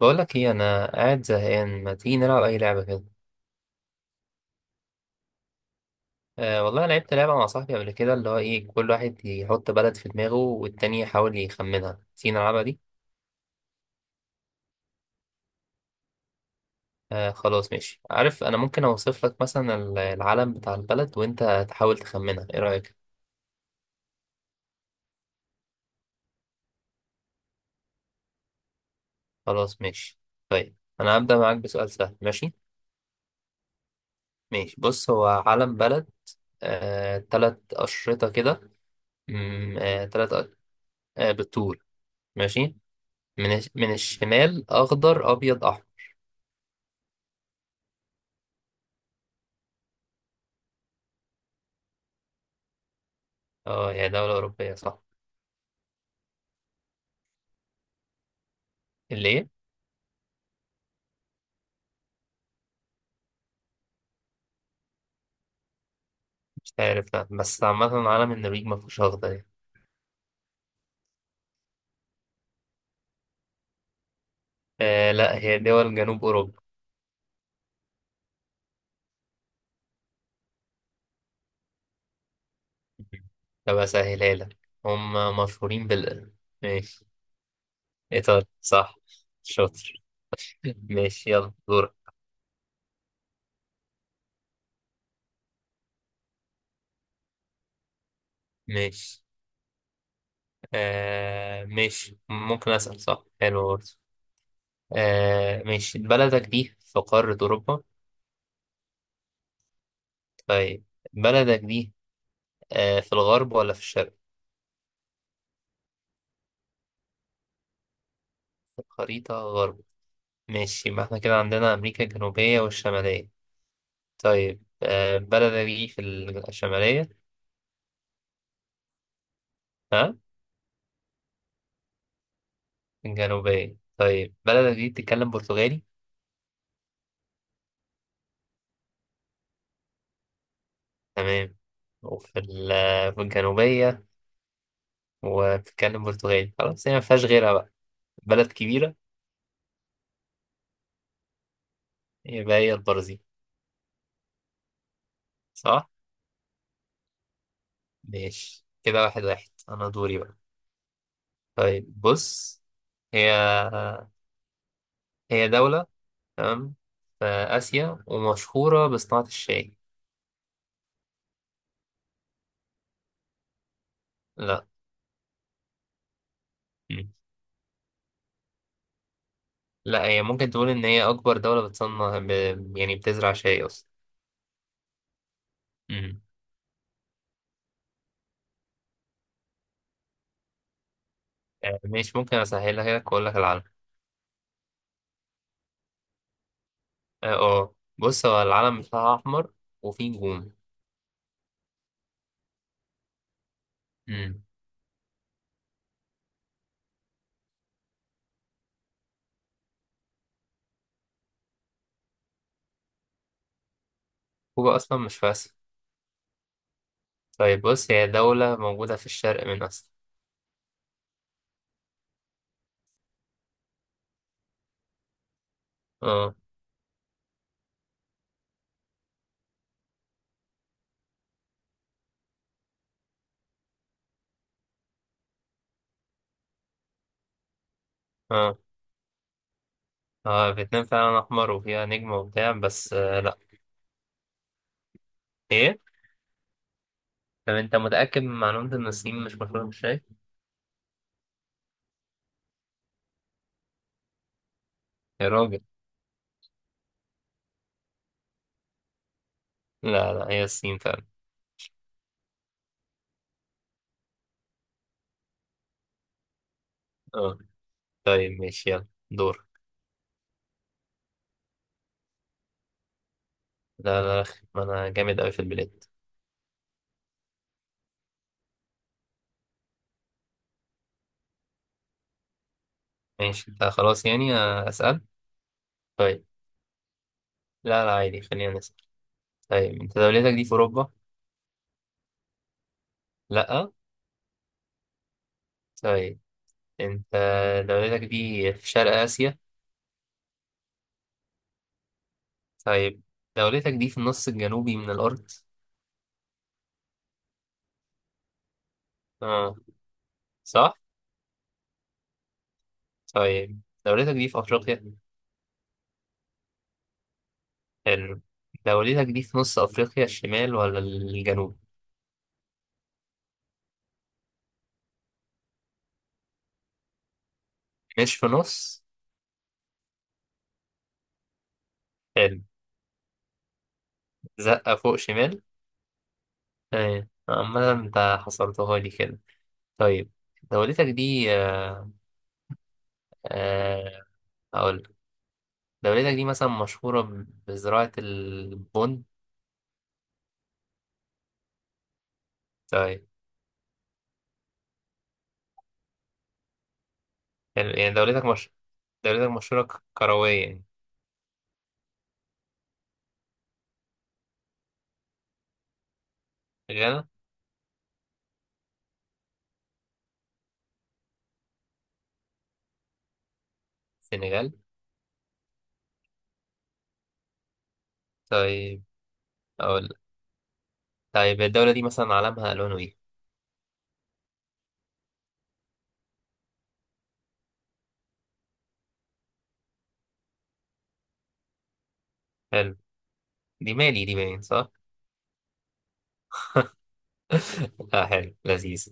بقول لك ايه، انا قاعد زهقان، ما تيجي نلعب اي لعبه كده؟ أه والله، أنا لعبت لعبه مع صاحبي قبل كده، اللي هو ايه، كل واحد يحط بلد في دماغه والتاني يحاول يخمنها. تيجي نلعبها دي؟ أه خلاص ماشي، عارف انا ممكن اوصف لك مثلا العلم بتاع البلد وانت تحاول تخمنها، ايه رايك؟ خلاص ماشي. طيب انا هبدا معاك بسؤال سهل، ماشي. ماشي، بص، هو علم بلد. أه، تلات اشرطه كده. أه تلات أ-. أه، بالطول. ماشي. من الشمال اخضر ابيض احمر. اه، هي دولة أوروبية صح. اللي إيه؟ مش عارف، لا، بس عامة عالم النرويج ما فيهوش أخضر يعني. آه لا، هي دول جنوب أوروبا. طب أسهلها لك. هم. مشهورين بال. ماشي. إيطاليا صح. شاطر. ماشي، يلا دورك. ماشي. آه ماشي، ممكن أسأل صح، حلو برضه. آه ماشي، بلدك دي في قارة أوروبا؟ طيب. بلدك دي. آه، في الغرب ولا في الشرق؟ في الخريطة غرب. ماشي، يبقى احنا كده عندنا أمريكا الجنوبية والشمالية. طيب آه، بلدك دي في. الشمالية. ها؟ الجنوبية، طيب بلدك دي بتتكلم برتغالي؟ تمام. وفي في الجنوبية. وبتتكلم برتغالي، خلاص هي مفيهاش غيرها بقى. بلد كبيرة. يبقى هي البرازيل. صح؟ ماشي كده، واحد واحد، أنا دوري بقى. طيب بص. هي. هي دولة. تمام. في آسيا ومشهورة بصناعة الشاي. لا. لا، هي ممكن تقول ان هي اكبر دولة بتصنع ب. يعني بتزرع شاي اصلا. امم. مش ممكن اسهلها لك واقول لك العلم. اه، آه. بص، هو العلم بتاعها احمر. وفيه نجوم. امم. كوبا اصلا مش في اسيا. طيب بص، هي دولة موجودة في الشرق من اسيا. اه. اه. اه، فيتنام فعلا احمر وفيها نجم وبتاع، بس آه لا. ايه؟ طب انت متأكد من معلومة ان الصين مش مشهورة بالشاي؟ يا راجل. لا لا، هي الصين فعلا. اه. طيب ماشي، يلا دور. لا لا أخي، ما انا جامد اوي في البلاد. ماشي خلاص يعني، أسأل. طيب. لا لا، عادي خلينا نسأل. طيب أنت دولتك دي في أوروبا؟ لأ. طيب. أنت. دولتك دي في شرق آسيا؟ طيب. دولتك دي في النص الجنوبي من الأرض؟ آه. صح؟ طيب دولتك دي في أفريقيا؟ حلو. دولتك دي في نص أفريقيا الشمال ولا الجنوب؟ مش في نص؟ حلو. زقة فوق شمال؟ طيب، عمال أنت حصرتها لي كده. طيب. دولتك دي آه آه، هقول دولتك دي مثلا مشهورة ب- بزراعة البن. طيب. حلو. يعني دولتك مش. دولتك مشهورة كروية يعني. غانا. سنغال. طيب. أقول. طيب الدولة دي مثلا علمها ألوانه إيه؟ حلو. دي مالي دي، باين صح؟ لا، حلو لذيذ.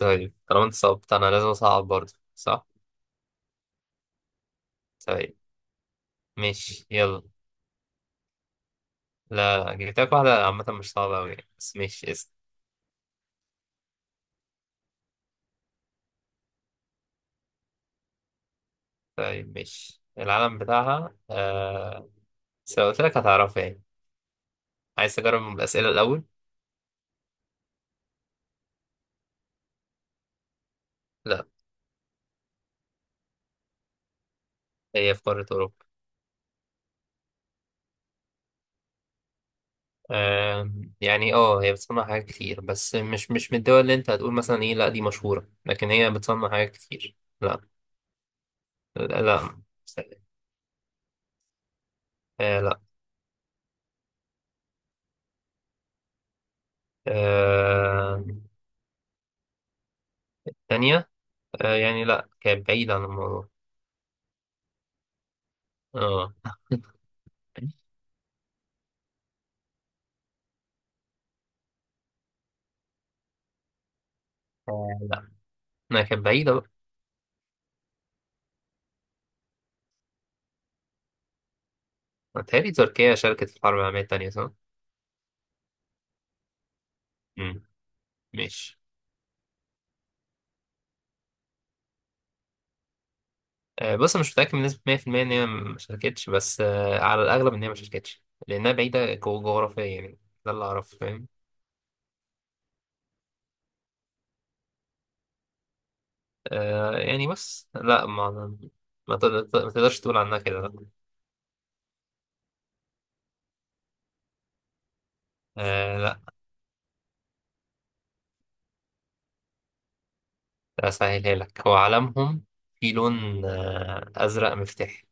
طيب، طالما أنت صعبت أنا لازم أصعب برضه صح؟ طيب. ماشي يلا. لا لا، جبت لك واحدة عامة مش صعبة أوي يعني، بس ماشي اسم. طيب ماشي، العلم بتاعها. بس لو قلت لك هتعرفها يعني. عايز تجرب الأسئلة الأول؟ لا. هي في قارة أوروبا. يعني هي بتصنع حاجات كتير، بس مش من الدول اللي انت هتقول مثلا ايه لا دي مشهورة، لكن هي بتصنع حاجات كتير، لا. لا لا. آه لا. آه. تانية. آه يعني لا، كانت بعيدة عن الموضوع. اه. آه، لا ما كانت بعيدة بقى. متهيألي تركيا شاركت في الحرب العالمية التانية صح؟ مم. ماشي، بص أنا مش متأكد بنسبة 100% إن هي ما شاركتش، بس على الأغلب إن هي ما شاركتش. لأنها بعيدة جغرافيا يعني. ده اللي أعرفه فاهم. آه يعني بس لا ما. ما تقدرش تقول عنها كده، لا. آه لا، اسهلها لك، هو علمهم. في لون ازرق مفتاحي.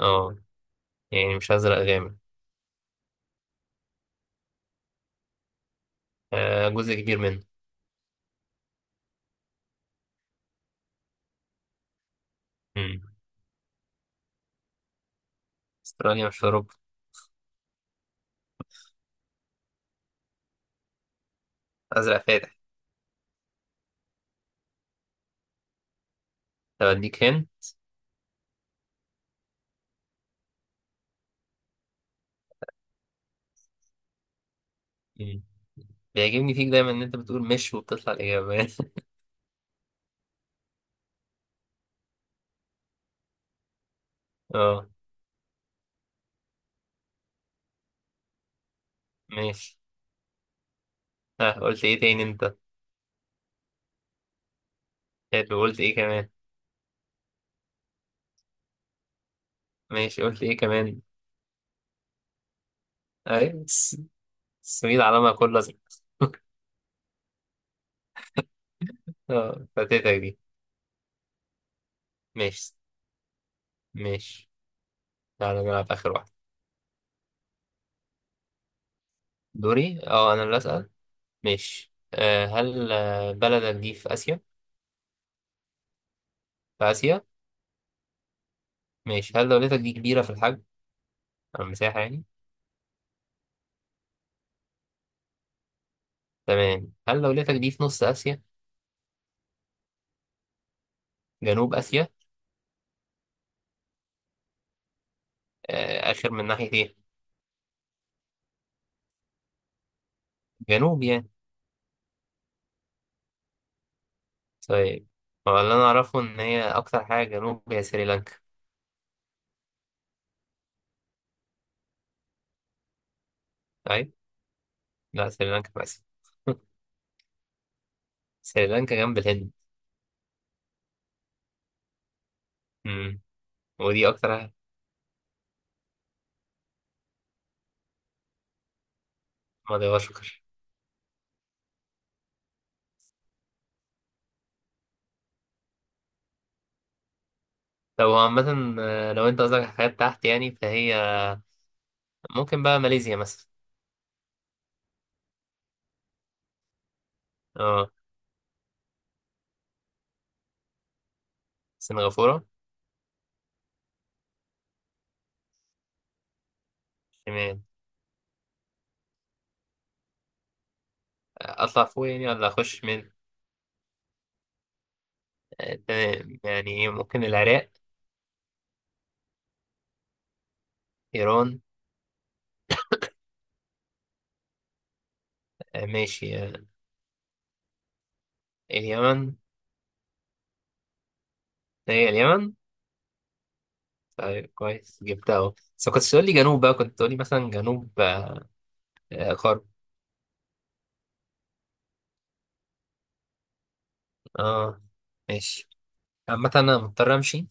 اه. يعني مش ازرق غامق. آه، جزء كبير منه. مم. استراليا مش في اوروبا. ازرق فاتح. طب اديك هن. مم. بيعجبني فيك دايما ان انت بتقول مش وبتطلع الاجابه. اه. ماشي. ها، قلت ايه تاني انت؟ حلو، قلت ايه كمان؟ ماشي، قلت ايه كمان؟ ايوه، السويد علمها كله ازرق. اه، فاتتك دي. ماشي. ماشي. تعالى نلعب آخر واحد. دوري، اه أنا اللي أسأل. ماشي، هل بلدك دي في آسيا؟ في آسيا؟ ماشي، هل دولتك دي كبيرة في الحجم؟ أو المساحة يعني؟ تمام، هل دولتك دي في نص آسيا؟ جنوب آسيا؟ آه، آخر من ناحية إيه؟ جنوب يعني. طيب. هو اللي أنا أعرفه إن هي أكتر حاجة جنوب هي سريلانكا. طيب؟ لا، سريلانكا في آسيا. سريلانكا جنب الهند. مم. ودي أكتر حاجة. مدغشقر. طب هو عامة، لو أنت قصدك على حاجات تحت يعني، فهي. ممكن بقى ماليزيا مثلا. اه. سنغافورة. شمال. اطلع فوق يعني ولا اخش من. تمام يعني إيه، ممكن العراق. ايران. ماشي اليمن. هي اليمن. طيب، كويس جبتها اهو. بس ما كنتش تقول لي جنوب بقى، كنت تقول لي مثلا جنوب غرب. اه. ماشي. عامة انا مضطر امشي.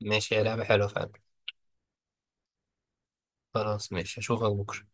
ماشي، يا لعبة حلوة فعلا. خلاص ماشي، اشوفك بكرة.